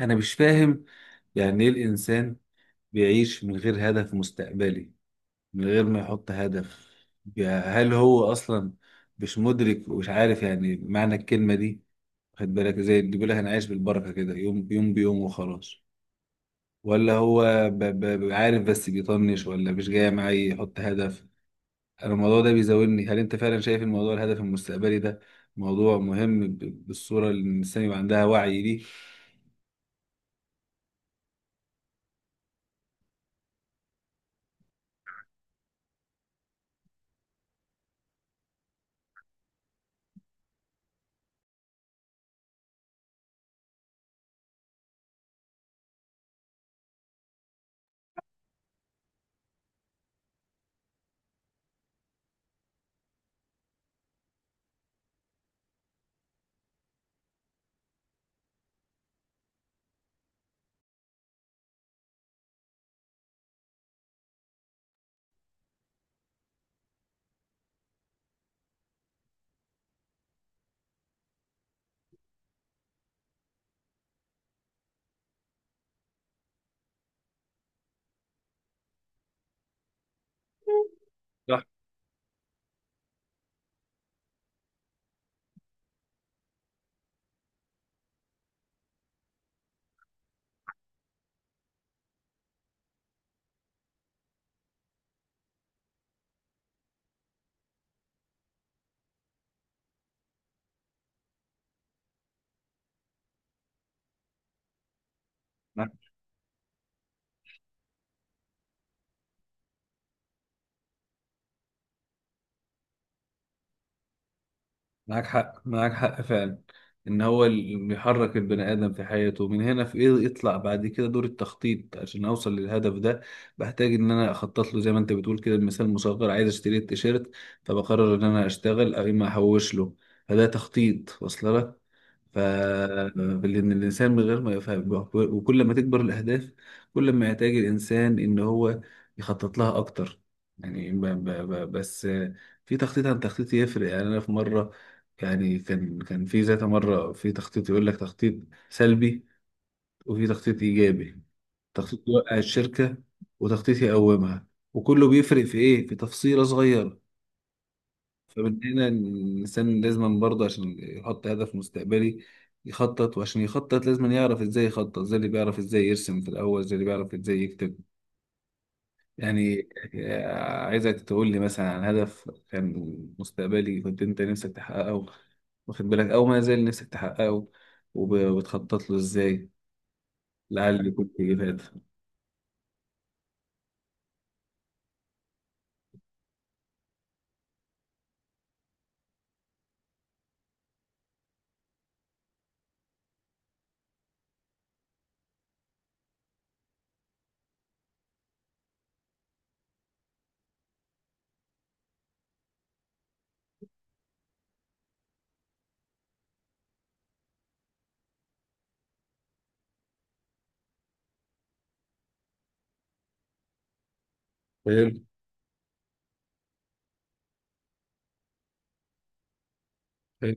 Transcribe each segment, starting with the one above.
أنا مش فاهم، يعني إيه الإنسان بيعيش من غير هدف مستقبلي؟ من غير ما يحط هدف، هل هو أصلا مش مدرك ومش عارف يعني معنى الكلمة دي؟ خد بالك، زي اللي بيقول لك أنا عايش بالبركة كده، يوم بيوم بيوم وخلاص. ولا هو عارف بس بيطنش، ولا مش جاي معايا يحط هدف؟ أنا الموضوع ده بيزاولني. هل أنت فعلا شايف الموضوع، الهدف المستقبلي ده، موضوع مهم بالصورة اللي الإنسان يبقى عندها وعي ليه؟ صح. معاك حق، معاك حق فعلا، ان هو اللي بيحرك البني ادم في حياته. من هنا في ايه يطلع؟ بعد كده دور التخطيط عشان اوصل للهدف ده. بحتاج ان انا اخطط له، زي ما انت بتقول كده، بمثال مصغر عايز اشتري التيشيرت، فبقرر ان انا اشتغل او اما احوش له، فده تخطيط. واصل لك. ف لان الانسان من غير ما يفهم، وكل ما تكبر الاهداف كل ما يحتاج الانسان ان هو يخطط لها اكتر. يعني بس في تخطيط عن تخطيط يفرق. يعني انا في مره، يعني كان في ذات مرة في تخطيط يقول لك تخطيط سلبي، وفي تخطيط إيجابي. تخطيط يوقع الشركة، وتخطيط يقومها، وكله بيفرق في إيه؟ في تفصيلة صغيرة. فمن هنا الإنسان لازم برضه، عشان يحط هدف مستقبلي، يخطط. وعشان يخطط لازم يعرف إزاي يخطط، زي اللي بيعرف إزاي يرسم في الأول، زي اللي بيعرف إزاي يكتب يعني. عايزك تقول لي مثلا عن هدف كان مستقبلي كنت انت نفسك تحققه، واخد بالك، او ما زال نفسك تحققه وبتخطط له ازاي، لعل يكون في فايدة. حلو، حلو.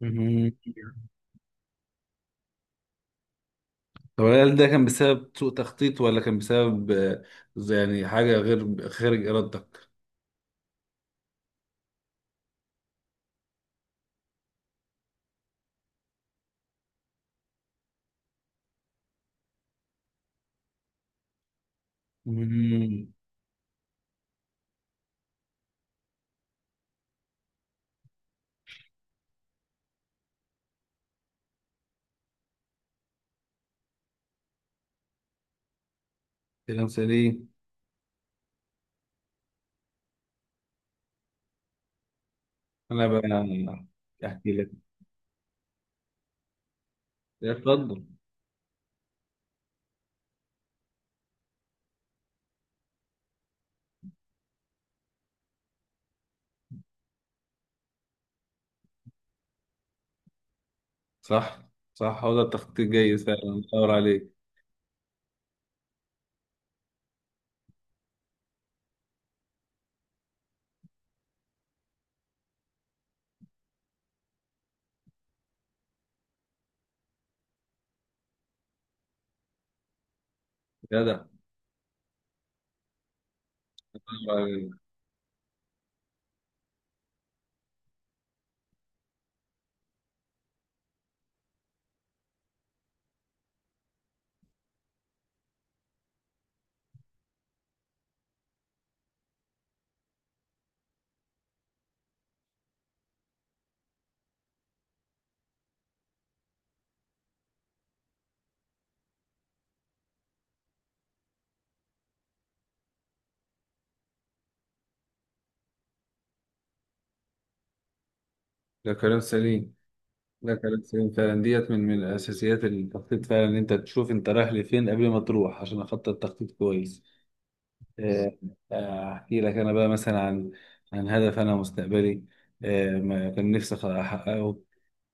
مم. طب هل ده كان بسبب سوء تخطيط، ولا كان بسبب زي يعني حاجة غير خارج إرادتك؟ مم. كلام سليم. أنا بقى أحكي لك. اتفضل. صح، صح. هو ده التخطيط جاي فعلا أدور عليك. جدع. الله يعينك. ده كلام سليم، ده كلام سليم فعلا. ديت من اساسيات التخطيط فعلا، ان انت تشوف انت رايح لفين قبل ما تروح، عشان اخطط تخطيط كويس. آه، احكي لك انا بقى مثلا عن هدف انا مستقبلي، ما كان نفسي احققه.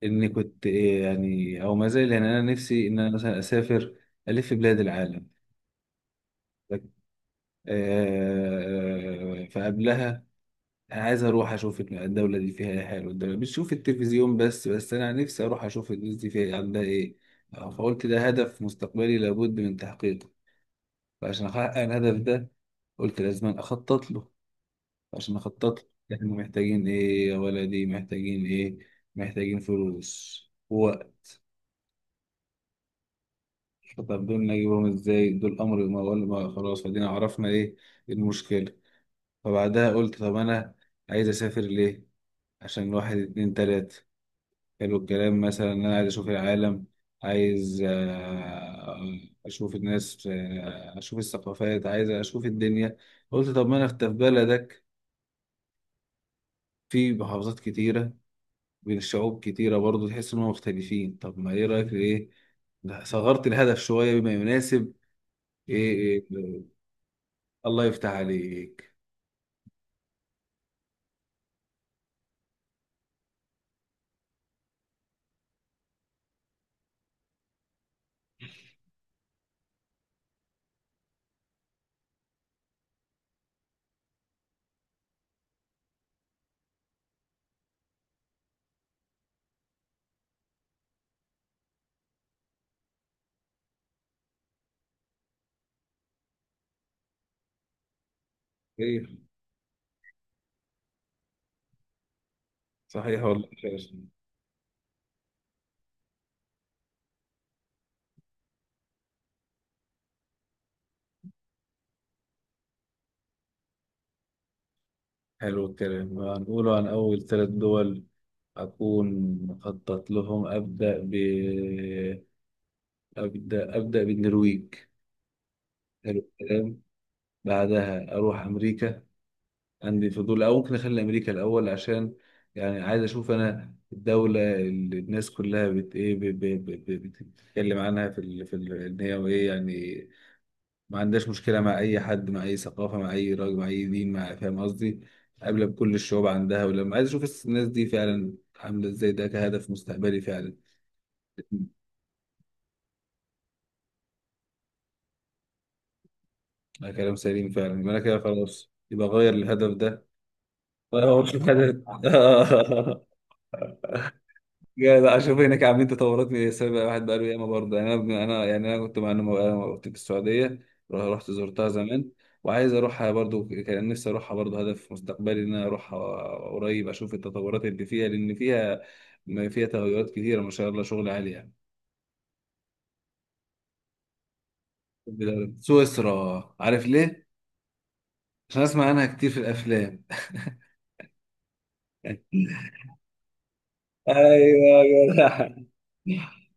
اني كنت إيه يعني، او ما زال، يعني انا نفسي ان انا مثلا اسافر الف بلاد العالم. آه، فقبلها انا عايز اروح اشوف الدوله دي فيها ايه حلو. الدوله بتشوف التلفزيون بس، بس انا نفسي اروح اشوف الناس دي فيها إيه، عندها ايه. فقلت ده هدف مستقبلي لابد من تحقيقه. فعشان احقق الهدف ده قلت لازم اخطط له. عشان اخطط له احنا محتاجين ايه يا ولدي، محتاجين ايه؟ محتاجين فلوس ووقت. طب دول نجيبهم ازاي؟ دول امر، ما ولا ما، خلاص ادينا عرفنا ايه المشكله. فبعدها قلت طب انا عايز اسافر ليه؟ عشان واحد، اتنين، تلاته، حلو الكلام. مثلا انا عايز اشوف العالم، عايز اشوف الناس، اشوف الثقافات، عايز اشوف الدنيا. قلت طب ما انا في بلدك، في محافظات كتيرة، بين الشعوب كتيرة برضو تحس انهم مختلفين. طب ما ايه رأيك ايه؟ لا، صغرت الهدف شوية بما يناسب. ايه, إيه. الله يفتح عليك. ايه، صحيح، والله خير. حلو الكلام. هنقوله عن اول ثلاث دول أكون مخطط لهم. أبدأ، أبدأ بالنرويج. حلو الكلام. بعدها أروح أمريكا، عندي فضول. أو ممكن أخلي أمريكا الأول، عشان يعني عايز أشوف أنا الدولة اللي الناس كلها بت إيه ب- ب- ب- ب- بتتكلم عنها، إن هي وإيه يعني، ما عندهاش مشكلة مع أي حد، مع أي ثقافة، مع أي راجل، مع أي دين، مع، فاهم قصدي؟ قابلة بكل الشعوب عندها. ولما عايز أشوف الناس دي فعلا عاملة إزاي، ده كهدف مستقبلي فعلا. ده كلام سليم فعلا. يبقى أنا كده خلاص، يبقى أغير الهدف ده. هو مش محتاج. آه. يا لا اشوف هناك عاملين تطورات من السبب، واحد بقاله ياما برضه. يعني انا يعني انا كنت مع انه أنا كنت في السعوديه. رحت زرتها زمان. وعايز اروحها برضه. كان نفسي اروحها برضه، هدف مستقبلي ان انا اروحها قريب، اشوف التطورات اللي فيها، لان فيها ما فيها تغيرات كتيره ما شاء الله، شغل عالي يعني. سويسرا. عارف ليه؟ عشان اسمع عنها كتير في الافلام. ايوه يا جدع.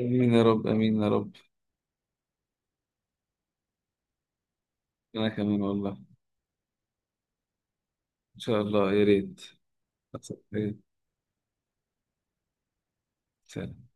امين يا رب، امين يا رب. انا كمان والله. ان شاء الله يا ريت. إيه. سلام.